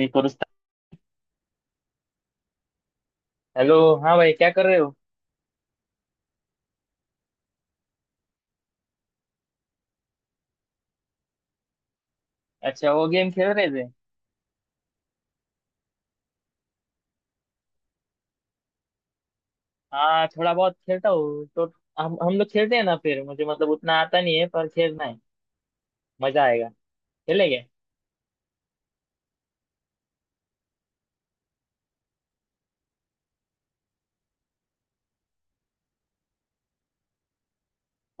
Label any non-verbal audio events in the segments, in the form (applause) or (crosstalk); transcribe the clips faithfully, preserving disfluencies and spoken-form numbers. निकोरस था। हेलो हाँ भाई क्या कर रहे हो। अच्छा वो गेम खेल रहे थे। हाँ थोड़ा बहुत खेलता हूँ तो हम हम लोग खेलते हैं ना। फिर मुझे मतलब उतना आता नहीं है पर खेलना है। मजा आएगा। खेलेंगे।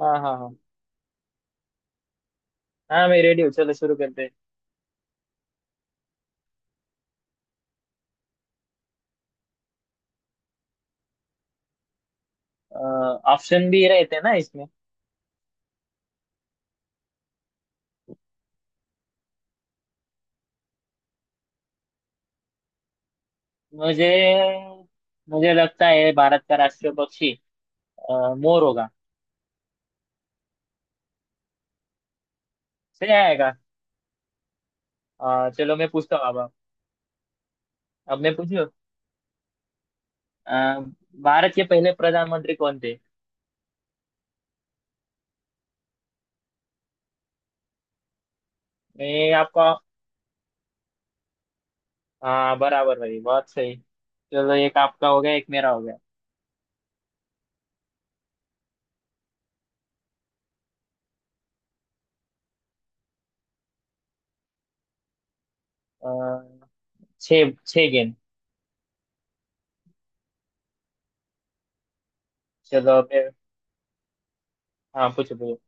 हाँ हाँ हाँ। हाँ मैं रेडी हूँ चलो शुरू करते हैं। ऑप्शन भी रहते हैं ना इसमें। मुझे मुझे लगता है भारत का राष्ट्रीय पक्षी अ, मोर होगा। सही आएगा। अ, चलो मैं पूछता हूँ अब। अब मैं पूछू। भारत के पहले प्रधानमंत्री कौन थे। मैं आपको। हाँ बराबर भाई बहुत सही। चलो एक आपका हो गया एक मेरा हो गया। अ, छः छः गेंद। चलो अब मैं- हाँ पूछो पूछो।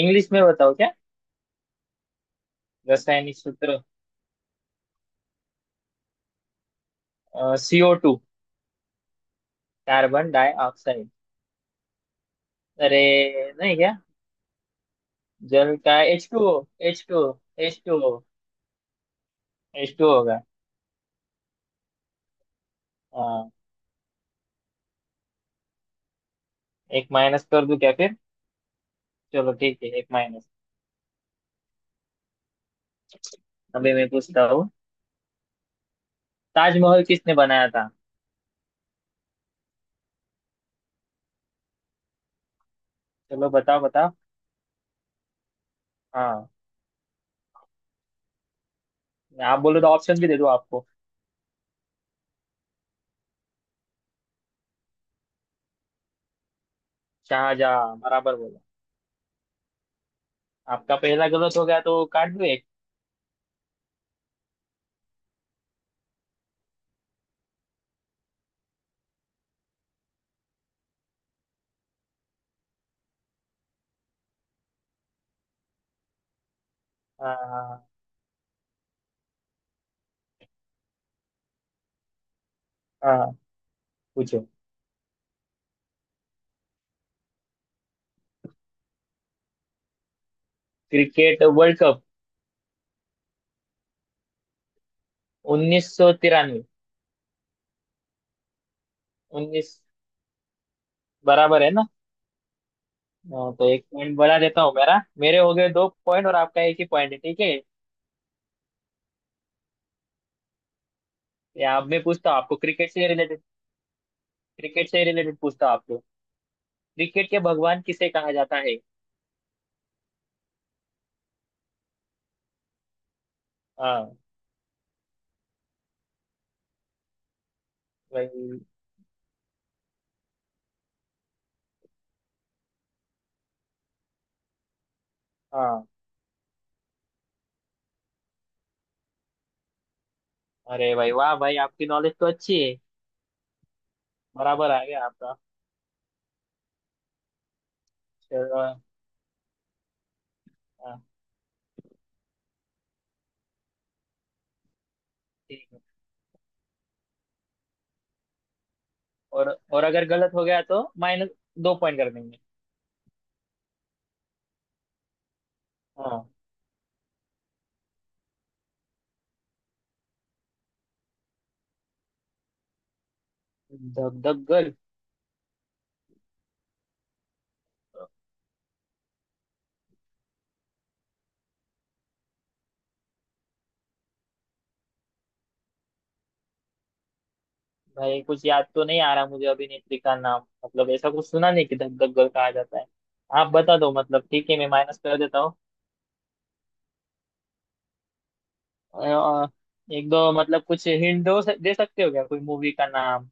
इंग्लिश में बताओ क्या। रासायनिक सूत्र। CO two. Carbon dioxide. अरे नहीं क्या। जल का H two O. H two O. H two O. H two होगा। हाँ। एक माइनस कर दूं क्या फिर। चलो ठीक है एक माइनस। अभी मैं पूछता हूँ। ताजमहल किसने बनाया था। चलो बताओ बताओ। हाँ। आप बोलो तो ऑप्शन भी दे दूँ आपको। शाहजहाँ बराबर बोला। आपका पहला गलत हो गया तो काट दो एक। हाँ। हाँ, पूछो। Cricket world cup. उन्नीस सौ तिरानवे। उन्नीस बराबर है ना। हाँ, तो एक पॉइंट बढ़ा देता हूँ मेरा। मेरे हो गए दो पॉइंट और आपका एक ही पॉइंट है ठीक है। या अब मैं पूछता हूँ आपको क्रिकेट से रिलेटेड। क्रिकेट से रिलेटेड पूछता हूँ आपको। क्रिकेट के भगवान किसे कहा जाता है। हाँ भाई। हाँ। अरे भाई वाह भाई आपकी नॉलेज तो अच्छी है। बराबर आ गया आपका। चलो। हाँ, ठीक है। और और अगर गलत हो गया तो माइनस दो पॉइंट कर देंगे। हाँ। धक धक गर्ल। भाई कुछ याद तो नहीं आ रहा मुझे अभिनेत्री का नाम मतलब ऐसा कुछ सुना नहीं कि धक धक गर्ल कहा जाता है। आप बता दो मतलब ठीक है मैं माइनस कर देता हूँ। अ, एक दो मतलब कुछ हिंट दो दे सकते हो क्या कोई मूवी का नाम।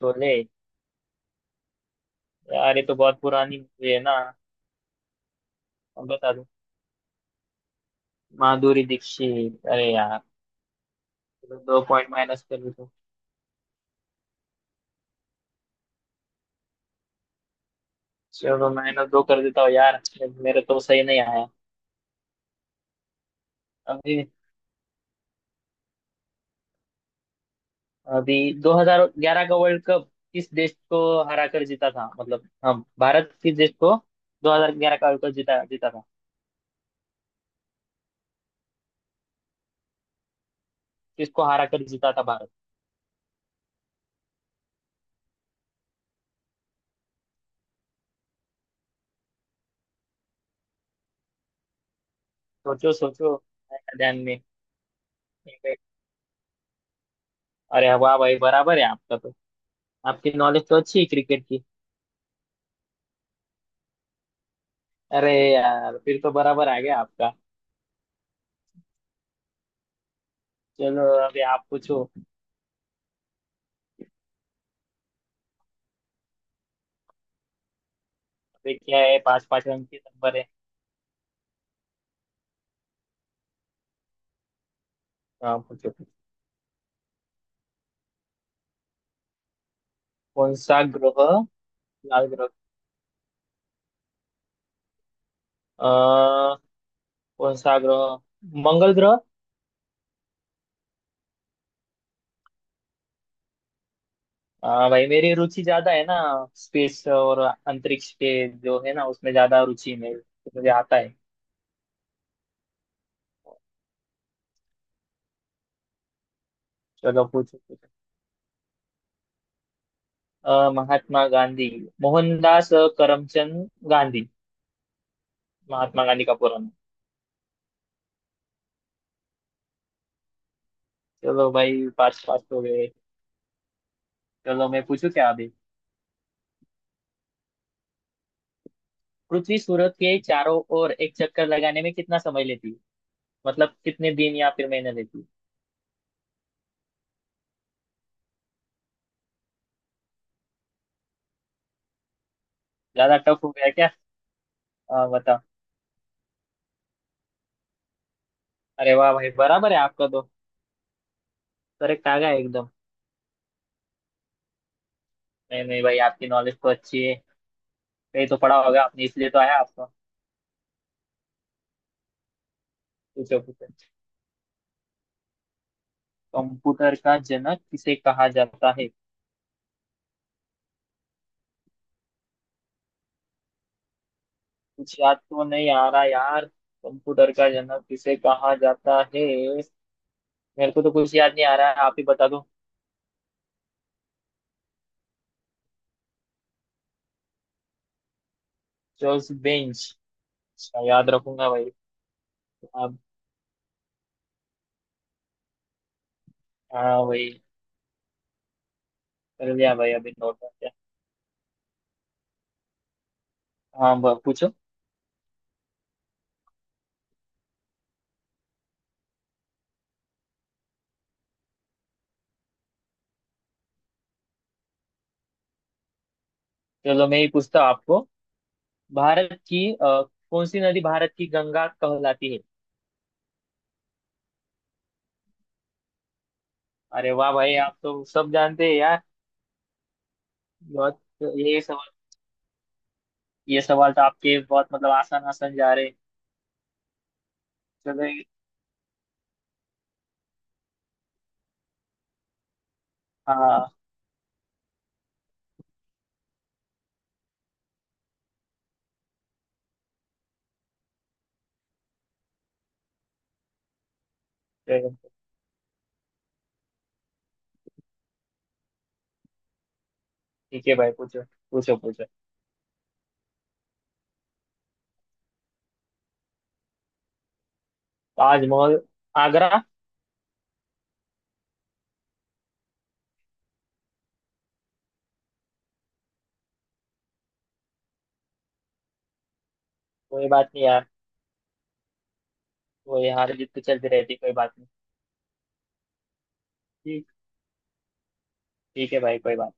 तो ले। यार ये तो बहुत पुरानी मूवी है ना। अब बता दो। माधुरी दीक्षित अरे यार। चलो दो पॉइंट माइनस कर देता हूँ। चलो माइनस दो कर देता हूँ यार। मेरे तो सही नहीं आया। अभी। अभी। दो हज़ार ग्यारह का वर्ल्ड कप किस देश को हरा कर जीता था मतलब हाँ। भारत किस देश को दो हज़ार ग्यारह का वर्ल्ड कप जीता जीता था। किसको हरा कर जीता था भारत। सोचो सोचो। आया ध्यान में। (laughs) अरे वाह भाई बराबर है आपका तो। आपकी नॉलेज तो अच्छी है क्रिकेट की। अरे यार फिर तो बराबर आ गया आपका। चलो अभी आप पूछो। अभी क्या है पांच पांच रंग के नंबर है। हाँ पूछो। कौन सा ग्रह लाल ग्रह। अ, कौन सा ग्रह मंगल ग्रह। हाँ भाई मेरी रुचि ज्यादा है ना स्पेस और अंतरिक्ष के जो है ना उसमें ज्यादा रुचि है मेरी तो मुझे आता है। चलो पूछो पूछो। अ, महात्मा गांधी मोहनदास करमचंद गांधी। महात्मा गांधी का पूरा नाम। चलो भाई पास पास हो गए। चलो मैं पूछू क्या अभी। पृथ्वी सूरज के चारों ओर एक चक्कर लगाने में कितना समय लेती है। मतलब कितने दिन या फिर महीने लेती है। ज्यादा टफ हो गया क्या। अ, बताओ। अरे वाह भाई बराबर है आपका तो। करेक्ट आ गया एकदम। नहीं नहीं भाई आपकी नॉलेज तो अच्छी है। ये तो पढ़ा होगा आपने इसलिए तो आया आपका। पूछो पूछो। कंप्यूटर का जनक किसे कहा जाता है। कुछ याद तो नहीं आ रहा यार कंप्यूटर का जनक किसे कहा जाता है। मेरे को तो कुछ याद नहीं आ रहा है आप ही बता दो। Charles Bench. अच्छा, याद रखूंगा भाई। आप। हाँ भाई। कर लिया भाई अभी नोट कर लिया। हाँ ब- पूछो। चलो मैं ही पूछता हूँ आपको। भारत की अ, कौन सी नदी भारत की गंगा कहलाती है। अरे वाह भाई आप तो सब जानते हैं यार। बहुत। ये सवाल। ये सवाल तो आपके बहुत मतलब आसान आसान जा रहे हैं। चलो ये- हाँ। चलो, ठीक है भाई पूछो पूछो पूछो। ताजमहल। आगरा। कोई बात नहीं यार। वो ये हार जीत तो चलती रहती कोई बात नहीं। ठीक। ठीक है भाई कोई बात।